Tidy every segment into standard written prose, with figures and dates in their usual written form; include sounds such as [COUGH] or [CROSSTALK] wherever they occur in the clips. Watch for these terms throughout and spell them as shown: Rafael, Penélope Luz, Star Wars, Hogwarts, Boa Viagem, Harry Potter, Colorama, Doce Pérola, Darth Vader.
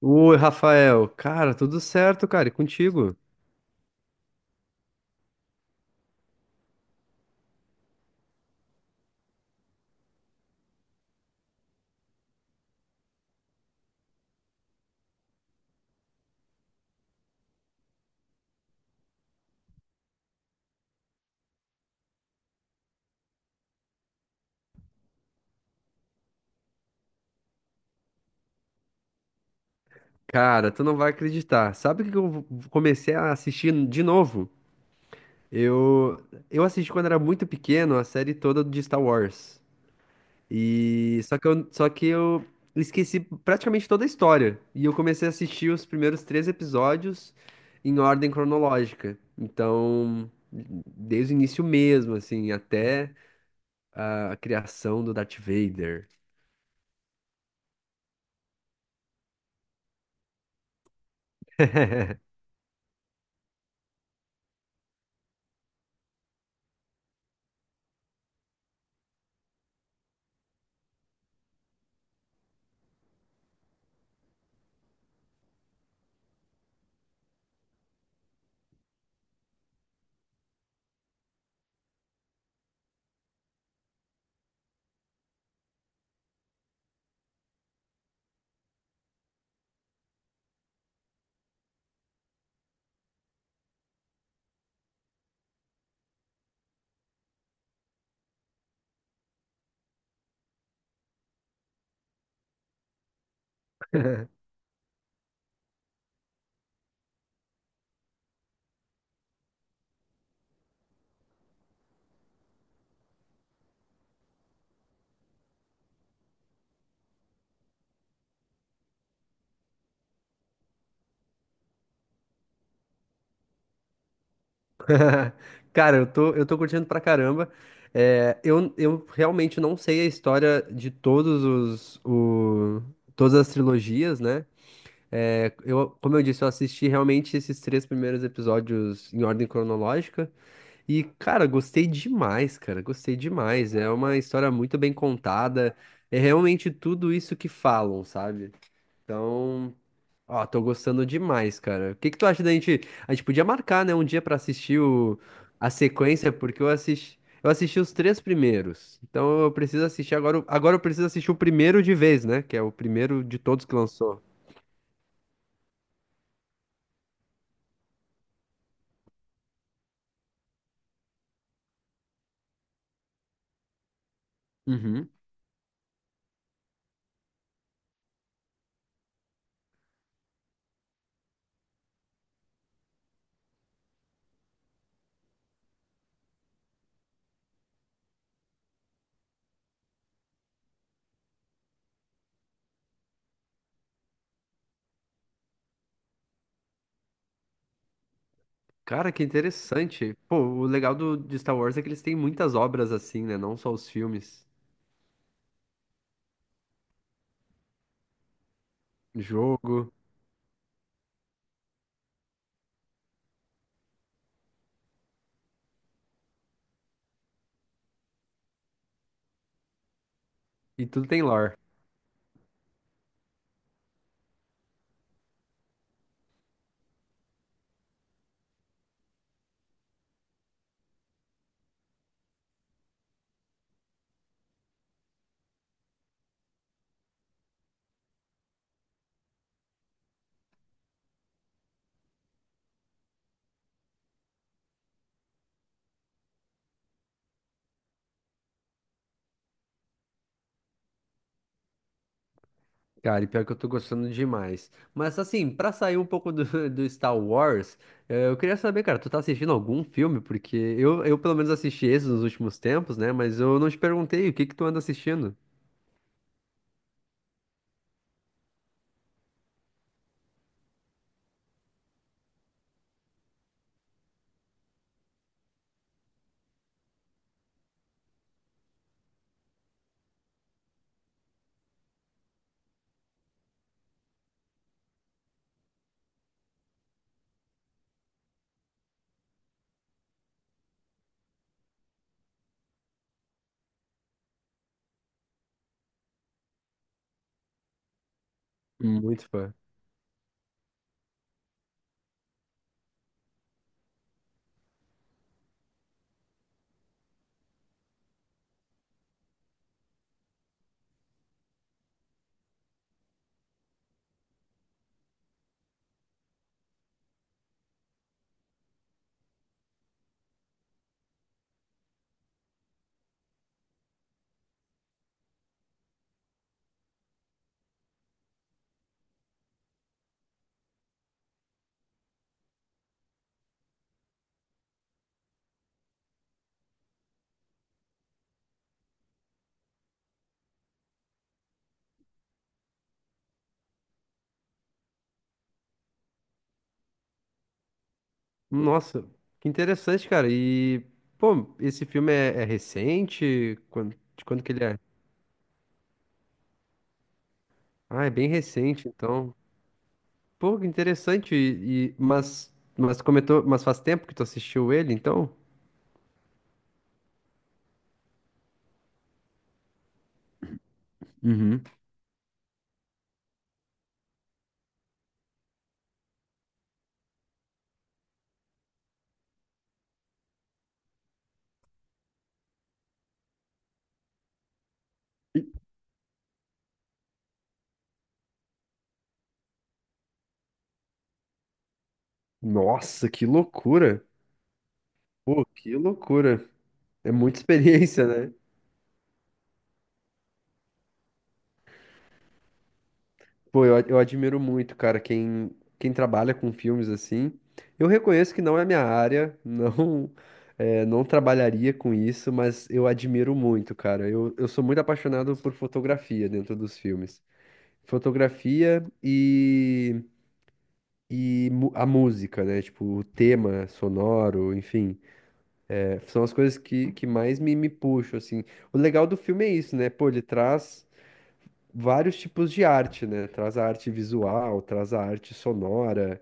Oi, Rafael. Cara, tudo certo, cara, e contigo? Cara, tu não vai acreditar. Sabe o que que eu comecei a assistir de novo? Eu, eu assisti quando era muito pequeno a série toda de Star Wars. E só que eu esqueci praticamente toda a história. E eu comecei a assistir os primeiros três episódios em ordem cronológica. Então, desde o início mesmo, assim, até a criação do Darth Vader. [LAUGHS] [LAUGHS] Cara, eu tô curtindo pra caramba. É, eu realmente não sei a história de todos os, o, todas as trilogias, né? É, eu, como eu disse, eu assisti realmente esses três primeiros episódios em ordem cronológica. E, cara, gostei demais, cara. Gostei demais. É uma história muito bem contada. É realmente tudo isso que falam, sabe? Então. Ó, tô gostando demais, cara. O que que tu acha da gente? A gente podia marcar, né, um dia pra assistir o a sequência, porque eu assisti eu assisti os três primeiros. Então eu preciso assistir agora. Agora eu preciso assistir o primeiro de vez, né? Que é o primeiro de todos que lançou. Uhum. Cara, que interessante. Pô, o legal do de Star Wars é que eles têm muitas obras assim, né? Não só os filmes, jogo e tudo tem lore. Cara, e pior que eu tô gostando demais. Mas assim, pra sair um pouco do, [LAUGHS] do Star Wars, eu queria saber, cara, tu tá assistindo algum filme? Porque eu pelo menos assisti esses nos últimos tempos, né? Mas eu não te perguntei o que que tu anda assistindo. Muito fã. Nossa, que interessante, cara. E, pô, esse filme é, é recente? Quando, de quando que ele é? Ah, é bem recente, então. Pô, que interessante. E, mas comentou, mas faz tempo que tu assistiu ele, então? Uhum. Nossa, que loucura! Pô, que loucura. É muita experiência, né? Pô, eu admiro muito, cara, quem, quem trabalha com filmes assim. Eu reconheço que não é minha área, [LAUGHS] não, é, não trabalharia com isso, mas eu admiro muito, cara. Eu sou muito apaixonado por fotografia dentro dos filmes. Fotografia e, e a música, né? Tipo, o tema sonoro, enfim. É, são as coisas que mais me, me puxam, assim. O legal do filme é isso, né? Pô, ele traz vários tipos de arte, né? Traz a arte visual, traz a arte sonora,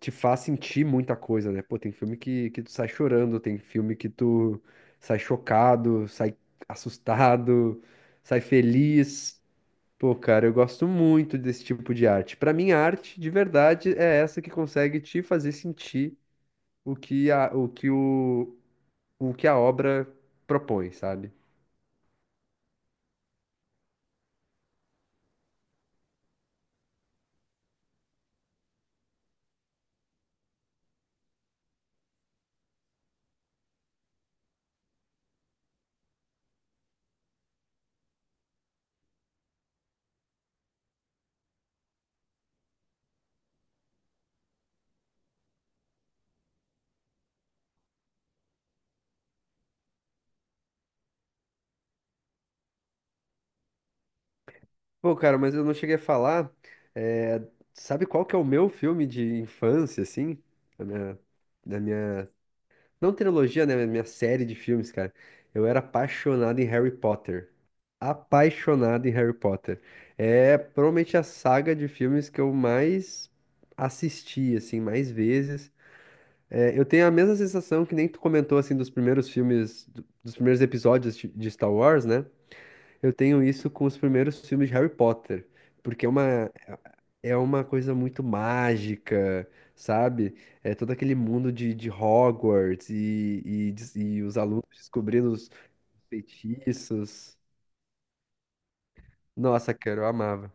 te faz sentir muita coisa, né? Pô, tem filme que tu sai chorando, tem filme que tu sai chocado, sai assustado, sai feliz. Pô, cara, eu gosto muito desse tipo de arte. Pra mim, a arte de verdade é essa que consegue te fazer sentir o que a, o que a obra propõe, sabe? Pô, cara, mas eu não cheguei a falar. é, sabe qual que é o meu filme de infância, assim? Da minha, da minha. Não trilogia, né? Mas minha série de filmes, cara. Eu era apaixonado em Harry Potter. Apaixonado em Harry Potter. É provavelmente a saga de filmes que eu mais assisti, assim, mais vezes. É, eu tenho a mesma sensação que nem tu comentou, assim, dos primeiros filmes, dos primeiros episódios de Star Wars, né? Eu tenho isso com os primeiros filmes de Harry Potter, porque é uma coisa muito mágica, sabe? É todo aquele mundo de Hogwarts e, e os alunos descobrindo os feitiços. Nossa, cara, eu amava.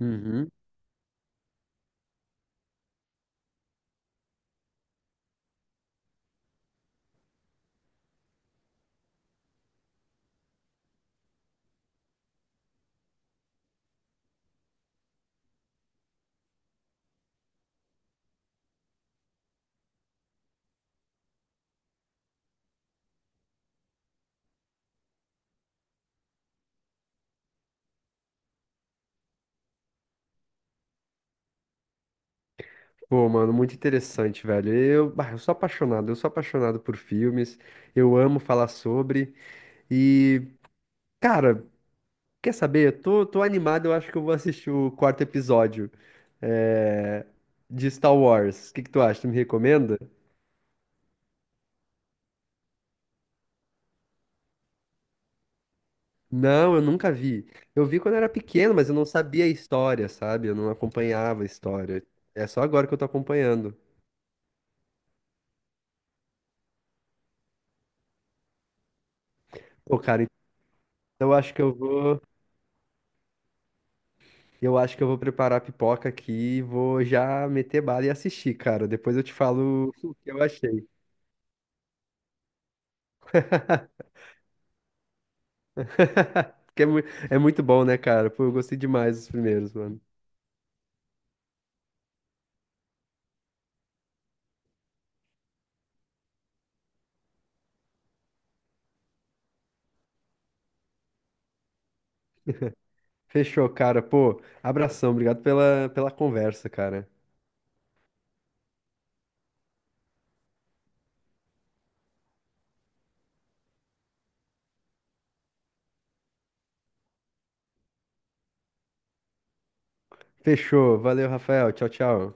Uhum. Pô, mano, muito interessante, velho. Eu, bah, eu sou apaixonado por filmes, eu amo falar sobre. E, cara. Quer saber? Eu tô animado, eu acho que eu vou assistir o quarto episódio eh, de Star Wars. O que que tu acha? Tu me recomenda? Não, eu nunca vi. Eu vi quando era pequeno, mas eu não sabia a história, sabe? Eu não acompanhava a história. É só agora que eu tô acompanhando. Pô, cara, então eu acho que eu vou, eu acho que eu vou preparar a pipoca aqui e vou já meter bala e assistir, cara. Depois eu te falo o que eu achei. [LAUGHS] Porque é muito bom, né, cara? Pô, eu gostei demais dos primeiros, mano. Fechou, cara. Pô, abração. Obrigado pela, pela conversa, cara. Fechou. Valeu, Rafael. Tchau, tchau.